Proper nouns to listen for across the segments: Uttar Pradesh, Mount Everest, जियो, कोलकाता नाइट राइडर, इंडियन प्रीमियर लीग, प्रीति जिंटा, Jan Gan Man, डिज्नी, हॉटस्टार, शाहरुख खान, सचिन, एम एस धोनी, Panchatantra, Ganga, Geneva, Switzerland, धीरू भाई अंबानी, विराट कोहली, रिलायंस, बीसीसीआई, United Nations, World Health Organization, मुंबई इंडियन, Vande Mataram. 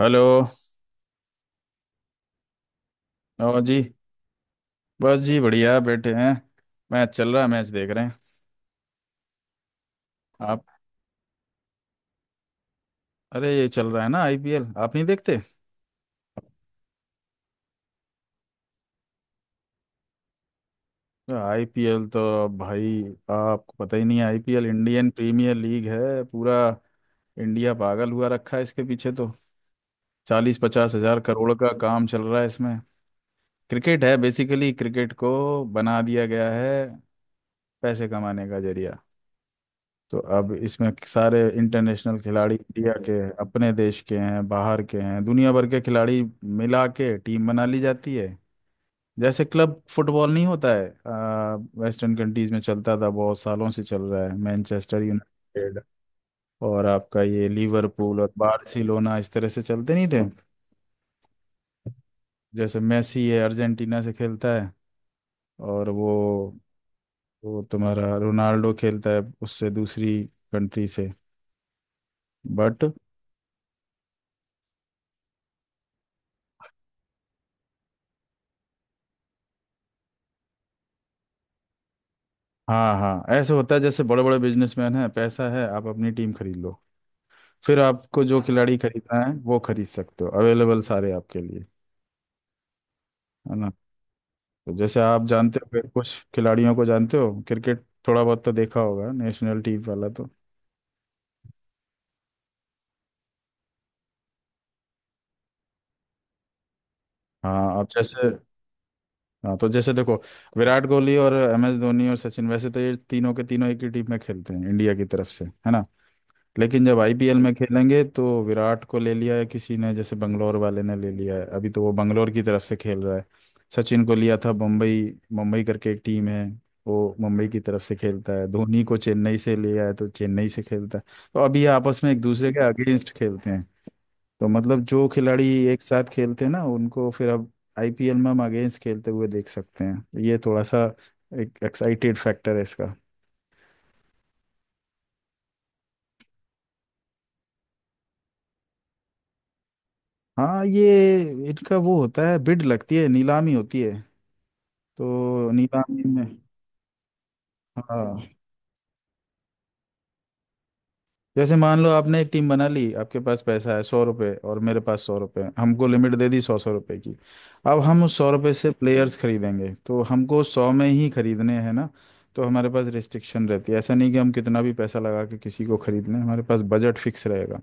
Hello. और जी। बस जी, बढ़िया बैठे हैं। मैच चल रहा है, मैच देख रहे हैं। आप? अरे, ये चल रहा है ना आईपीएल, आप नहीं देखते? तो आईपीएल तो भाई, आपको पता ही नहीं है। आईपीएल इंडियन प्रीमियर लीग है। पूरा इंडिया पागल हुआ रखा है इसके पीछे। तो 40-50 हजार करोड़ का काम चल रहा है इसमें। क्रिकेट है बेसिकली। क्रिकेट को बना दिया गया है पैसे कमाने का जरिया। तो अब इसमें सारे इंटरनेशनल खिलाड़ी, इंडिया के अपने देश के हैं, बाहर के हैं, दुनिया भर के खिलाड़ी मिला के टीम बना ली जाती है। जैसे क्लब फुटबॉल नहीं होता है? वेस्टर्न कंट्रीज में चलता था, बहुत सालों से चल रहा है, मैनचेस्टर यूनाइटेड और आपका ये लिवरपूल और बार्सिलोना। इस तरह से चलते नहीं थे। जैसे मेसी है, अर्जेंटीना से खेलता है। और वो तुम्हारा रोनाल्डो खेलता है उससे दूसरी कंट्री से। बट हाँ हाँ, ऐसे होता है। जैसे बड़े बड़े बिजनेसमैन हैं, पैसा है, आप अपनी टीम खरीद लो। फिर आपको जो हाँ खिलाड़ी खरीदना है वो खरीद सकते हो, अवेलेबल सारे आपके लिए। है ना? तो जैसे आप जानते हो फिर कुछ खिलाड़ियों को जानते हो, क्रिकेट थोड़ा बहुत तो देखा होगा नेशनल टीम वाला। तो हाँ, अब जैसे, हाँ, तो जैसे देखो, विराट कोहली और एम एस धोनी और सचिन वैसे तो ये तीनों के तीनों एक ही टीम में खेलते हैं इंडिया की तरफ से, है ना? लेकिन जब आईपीएल में खेलेंगे तो विराट को ले लिया है किसी ने, जैसे बंगलोर वाले ने ले लिया है, अभी तो वो बंगलोर की तरफ से खेल रहा है। सचिन को लिया था मुंबई। मुंबई करके एक टीम है, वो मुंबई की तरफ से खेलता है। धोनी को चेन्नई से लिया है तो चेन्नई से खेलता है। तो अभी ये आपस में एक दूसरे के अगेंस्ट खेलते हैं। तो मतलब जो खिलाड़ी एक साथ खेलते हैं ना, उनको फिर अब आईपीएल में हम अगेंस्ट खेलते हुए देख सकते हैं। तो ये थोड़ा सा एक एक्साइटेड फैक्टर है इसका। हाँ, ये, इनका वो होता है, बिड लगती है, नीलामी होती है। तो नीलामी में, हाँ, जैसे मान लो आपने एक टीम बना ली, आपके पास पैसा है 100 रुपये और मेरे पास 100 रुपये, हमको लिमिट दे दी 100-100 रुपये की। अब हम उस 100 रुपये से प्लेयर्स खरीदेंगे तो हमको 100 में ही खरीदने हैं ना। तो हमारे पास रिस्ट्रिक्शन रहती है, ऐसा नहीं कि हम कितना भी पैसा लगा के किसी को खरीद लें, हमारे पास बजट फिक्स रहेगा।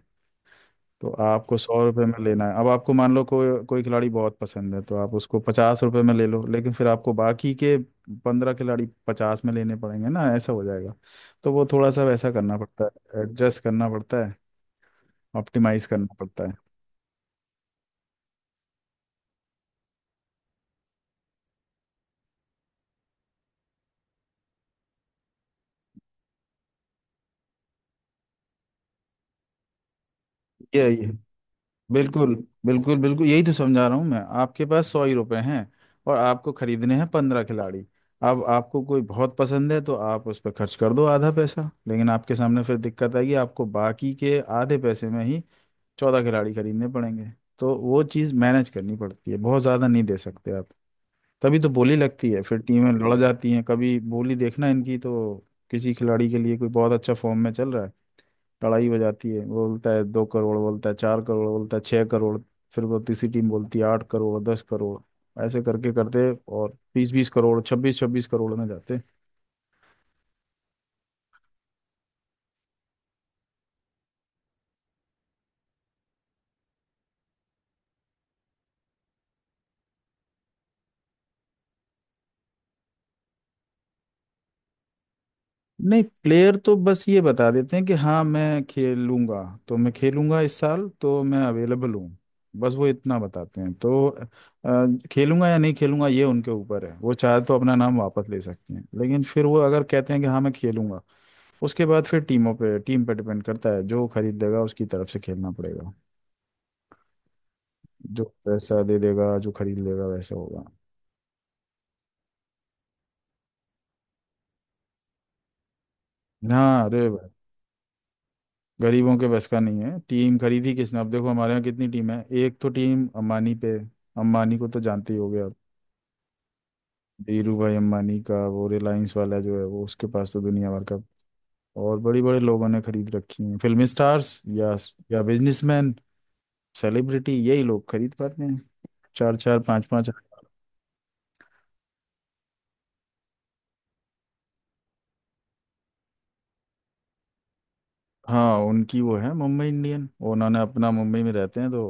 तो आपको 100 रुपये में लेना है। अब आपको मान लो कोई कोई खिलाड़ी बहुत पसंद है तो आप उसको 50 रुपये में ले लो, लेकिन फिर आपको बाकी के 15 खिलाड़ी 50 में लेने पड़ेंगे ना, ऐसा हो जाएगा। तो वो थोड़ा सा वैसा करना पड़ता है, एडजस्ट करना पड़ता है, ऑप्टिमाइज करना पड़ता है। ये बिल्कुल, बिल्कुल, बिल्कुल, यही तो समझा रहा हूँ मैं। आपके पास 100 ही रुपये हैं और आपको खरीदने हैं 15 खिलाड़ी। अब आपको कोई बहुत पसंद है तो आप उस पर खर्च कर दो आधा पैसा, लेकिन आपके सामने फिर दिक्कत आएगी, आपको बाकी के आधे पैसे में ही 14 खिलाड़ी खरीदने पड़ेंगे। तो वो चीज़ मैनेज करनी पड़ती है, बहुत ज़्यादा नहीं दे सकते आप। तभी तो बोली लगती है, फिर टीमें लड़ जाती हैं। कभी बोली देखना इनकी तो, किसी खिलाड़ी के लिए कोई बहुत अच्छा फॉर्म में चल रहा है, लड़ाई हो जाती है, वो बोलता है 2 करोड़, बोलता है 4 करोड़, बोलता है 6 करोड़। फिर वो तीसरी टीम बोलती है 8 करोड़, 10 करोड़, ऐसे करके करते, और 20-20 करोड़, 26-26 करोड़ में जाते। नहीं, प्लेयर तो बस ये बता देते हैं कि हाँ मैं खेलूंगा, तो मैं खेलूंगा इस साल, तो मैं अवेलेबल हूँ, बस वो इतना बताते हैं। तो खेलूंगा या नहीं खेलूंगा ये उनके ऊपर है, वो चाहे तो अपना नाम वापस ले सकते हैं, लेकिन फिर वो अगर कहते हैं कि हाँ मैं खेलूंगा, उसके बाद फिर टीमों पे, टीम पे डिपेंड करता है, जो खरीद देगा उसकी तरफ से खेलना पड़ेगा। जो पैसा दे देगा, जो खरीद लेगा, वैसा होगा। हाँ, अरे भाई, गरीबों के बस का नहीं है। टीम खरीदी किसने, अब देखो हमारे यहाँ कितनी टीम है। एक तो टीम अंबानी पे, अंबानी को तो जानते ही होगे आप, धीरू भाई अंबानी का वो रिलायंस वाला जो है वो, उसके पास तो दुनिया भर का। और बड़े बड़े लोगों ने खरीद रखी हैं, फिल्म स्टार्स या बिजनेसमैन, सेलिब्रिटी, यही लोग खरीद पाते हैं, चार चार पांच पांच। हाँ, उनकी वो है मुंबई इंडियन। उन्होंने अपना, मुंबई में रहते हैं तो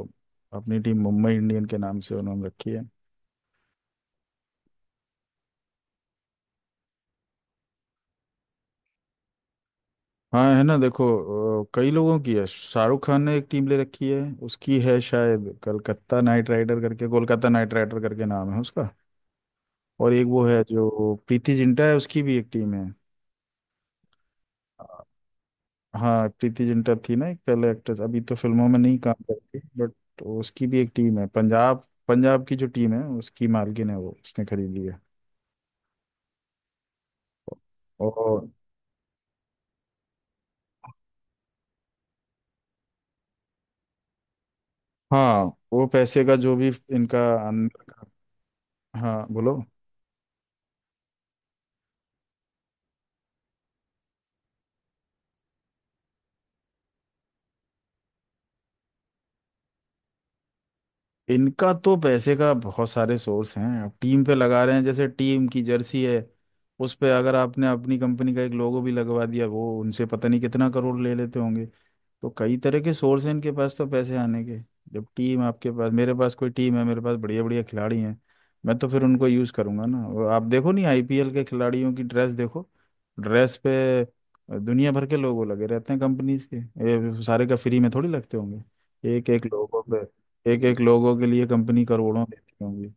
अपनी टीम मुंबई इंडियन के नाम से उन्होंने रखी है। हाँ है ना, देखो, कई लोगों की है। शाहरुख खान ने एक टीम ले रखी है, उसकी है शायद कलकत्ता नाइट राइडर करके, कोलकाता नाइट राइडर करके नाम है उसका। और एक वो है जो प्रीति जिंटा है, उसकी भी एक टीम है। अ, हाँ, प्रीति जिंटा थी ना एक पहले एक्ट्रेस, अभी तो फिल्मों में नहीं काम करती, बट उसकी भी एक टीम है, पंजाब। पंजाब की जो टीम है उसकी मालकिन है वो, उसने खरीदी है। और हाँ, वो पैसे का जो भी इनका अन- हाँ बोलो। इनका तो पैसे का बहुत सारे सोर्स हैं, अब टीम पे लगा रहे हैं। जैसे टीम की जर्सी है, उस पे अगर आपने अपनी कंपनी का एक लोगो भी लगवा दिया, वो उनसे पता नहीं कितना करोड़ ले लेते होंगे। तो कई तरह के सोर्स हैं इनके पास तो पैसे आने के। जब टीम आपके पास, मेरे पास कोई टीम है, मेरे पास बढ़िया बढ़िया खिलाड़ी हैं, मैं तो फिर उनको यूज़ करूंगा ना। और आप देखो नहीं, आईपीएल के खिलाड़ियों की ड्रेस देखो। ड्रेस पे दुनिया भर के लोगो लगे रहते हैं कंपनीज के। ये सारे का फ्री में थोड़ी लगते होंगे। एक एक लोगो, एक एक लोगों के लिए कंपनी करोड़ों देती होंगी।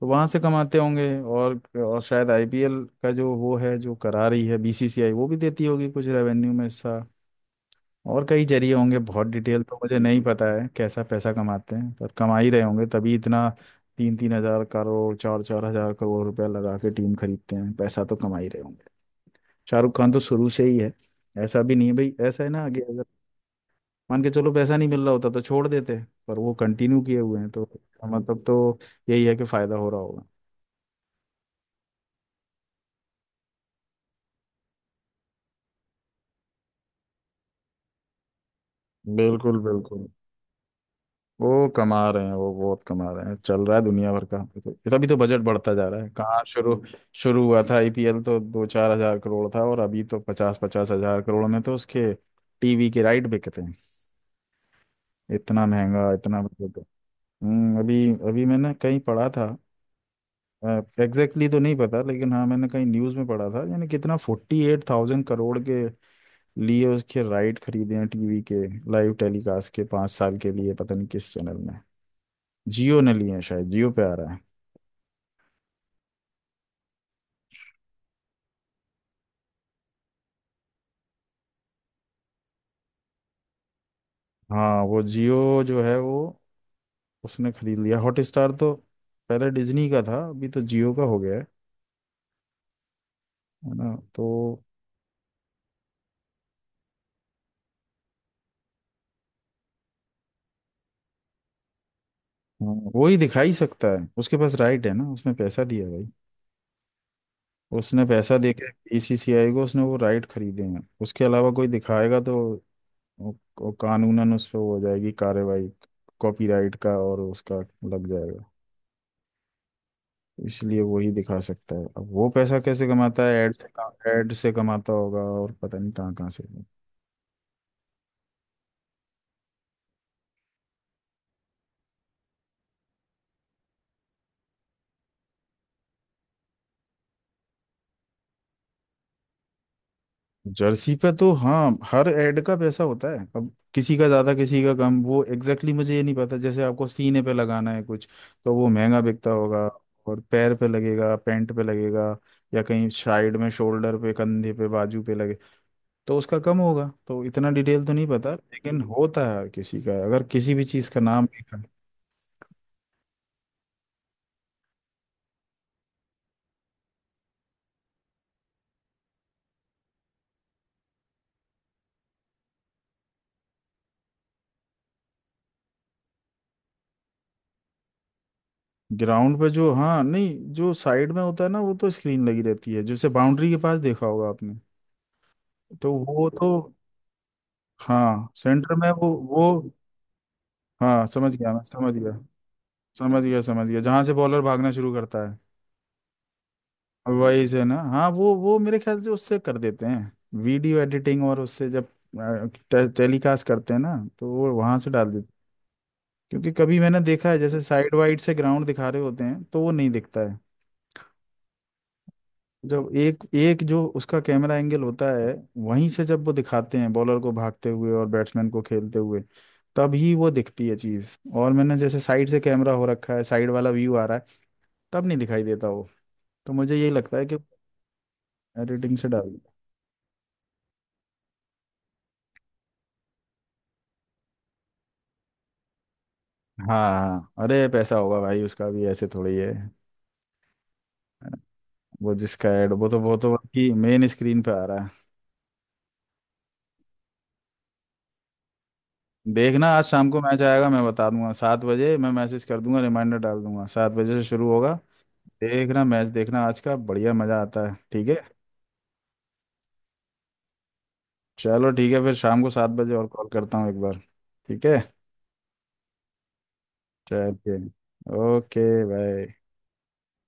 तो वहां से कमाते होंगे। और शायद आईपीएल का जो वो है जो करा रही है बीसीसीआई, वो भी देती होगी कुछ रेवेन्यू में हिस्सा। और कई जरिए होंगे, बहुत डिटेल तो मुझे नहीं पता है कैसा पैसा कमाते हैं, पर कमा ही रहे होंगे तभी इतना 3,000-3,000 करोड़, 4,000-4,000 करोड़ रुपया लगा के टीम खरीदते हैं। पैसा तो कमा ही रहे होंगे। शाहरुख खान तो शुरू से ही है, ऐसा भी नहीं है भाई, ऐसा है ना, आगे मान के चलो, पैसा नहीं मिल रहा होता तो छोड़ देते। पर वो कंटिन्यू किए हुए हैं तो इसका मतलब तो यही है कि फायदा हो रहा होगा। बिल्कुल बिल्कुल। वो कमा रहे हैं, वो बहुत कमा रहे हैं, चल रहा है दुनिया भर का। तभी तो बजट बढ़ता जा रहा है। कहाँ शुरू, शुरू हुआ था आईपीएल तो 2-4 हजार करोड़ था, और अभी तो 50,000-50,000 करोड़ में तो उसके टीवी के राइट बिकते हैं। इतना महंगा, इतना बजट। अभी, अभी मैंने कहीं पढ़ा था, एग्जैक्टली तो नहीं पता, लेकिन हाँ मैंने कहीं न्यूज़ में पढ़ा था, यानी कितना 48,000 करोड़ के लिए उसके राइट खरीदे हैं टीवी के, लाइव टेलीकास्ट के 5 साल के लिए, पता नहीं किस चैनल में, जियो ने लिए हैं शायद, जियो पे आ रहा है। हाँ, वो जियो जो है वो, उसने खरीद लिया हॉटस्टार, तो पहले डिज्नी का था, अभी तो जियो का हो गया है ना तो। हाँ, वो ही दिखा ही सकता है, उसके पास राइट है ना, उसने पैसा दिया भाई। उसने पैसा देके बीसीसीआई को, उसने वो राइट खरीदे हैं। उसके अलावा कोई दिखाएगा तो वो- वो कानूनन उस पर हो जाएगी कार्रवाई, कॉपीराइट का और उसका लग जाएगा। इसलिए वही दिखा सकता है। अब वो पैसा कैसे कमाता है? ऐड से। ऐड से कमाता होगा और पता नहीं कहाँ कहाँ से। जर्सी पे तो हाँ हर ऐड का पैसा होता है, अब किसी का ज्यादा किसी का कम, वो एग्जैक्टली exactly मुझे ये नहीं पता। जैसे आपको सीने पे लगाना है कुछ, तो वो महंगा बिकता होगा। और पैर पे लगेगा, पैंट पे लगेगा, या कहीं साइड में, शोल्डर पे, कंधे पे, बाजू पे लगे तो उसका कम होगा। तो इतना डिटेल तो नहीं पता, लेकिन होता है किसी का अगर किसी भी चीज़ का नाम। ग्राउंड पे जो, हाँ, नहीं जो साइड में होता है ना, वो तो स्क्रीन लगी रहती है, जैसे बाउंड्री के पास देखा होगा आपने, तो वो तो। हाँ सेंटर में, वो हाँ, समझ गया, मैं समझ गया, समझ गया, समझ गया जहाँ से बॉलर भागना शुरू करता है। वही से ना, हाँ, वो मेरे ख्याल से उससे कर देते हैं वीडियो एडिटिंग, और उससे जब टेलीकास्ट करते हैं ना, तो वो वहां से डाल देते हैं। क्योंकि कभी मैंने देखा है जैसे साइड वाइड से ग्राउंड दिखा रहे होते हैं, तो वो नहीं दिखता है। जब एक एक जो उसका कैमरा एंगल होता है, वहीं से जब वो दिखाते हैं बॉलर को भागते हुए और बैट्समैन को खेलते हुए, तब ही वो दिखती है चीज। और मैंने जैसे साइड से, कैमरा हो रखा है साइड वाला, व्यू आ रहा है, तब नहीं दिखाई देता वो। तो मुझे यही लगता है कि एडिटिंग से डाल। हाँ हाँ, अरे पैसा होगा भाई उसका भी, ऐसे थोड़ी है। वो जिसका एड वो तो कि मेन स्क्रीन पे आ रहा है। देखना, आज शाम को मैच आएगा, मैं बता दूंगा, 7 बजे मैं मैसेज कर दूंगा, रिमाइंडर डाल दूंगा, 7 बजे से शुरू होगा। देखना, मैच देखना आज का, बढ़िया मजा आता है। ठीक है? चलो ठीक है, फिर शाम को 7 बजे और कॉल करता हूँ एक बार। ठीक है। चलिए, ओके, बाय।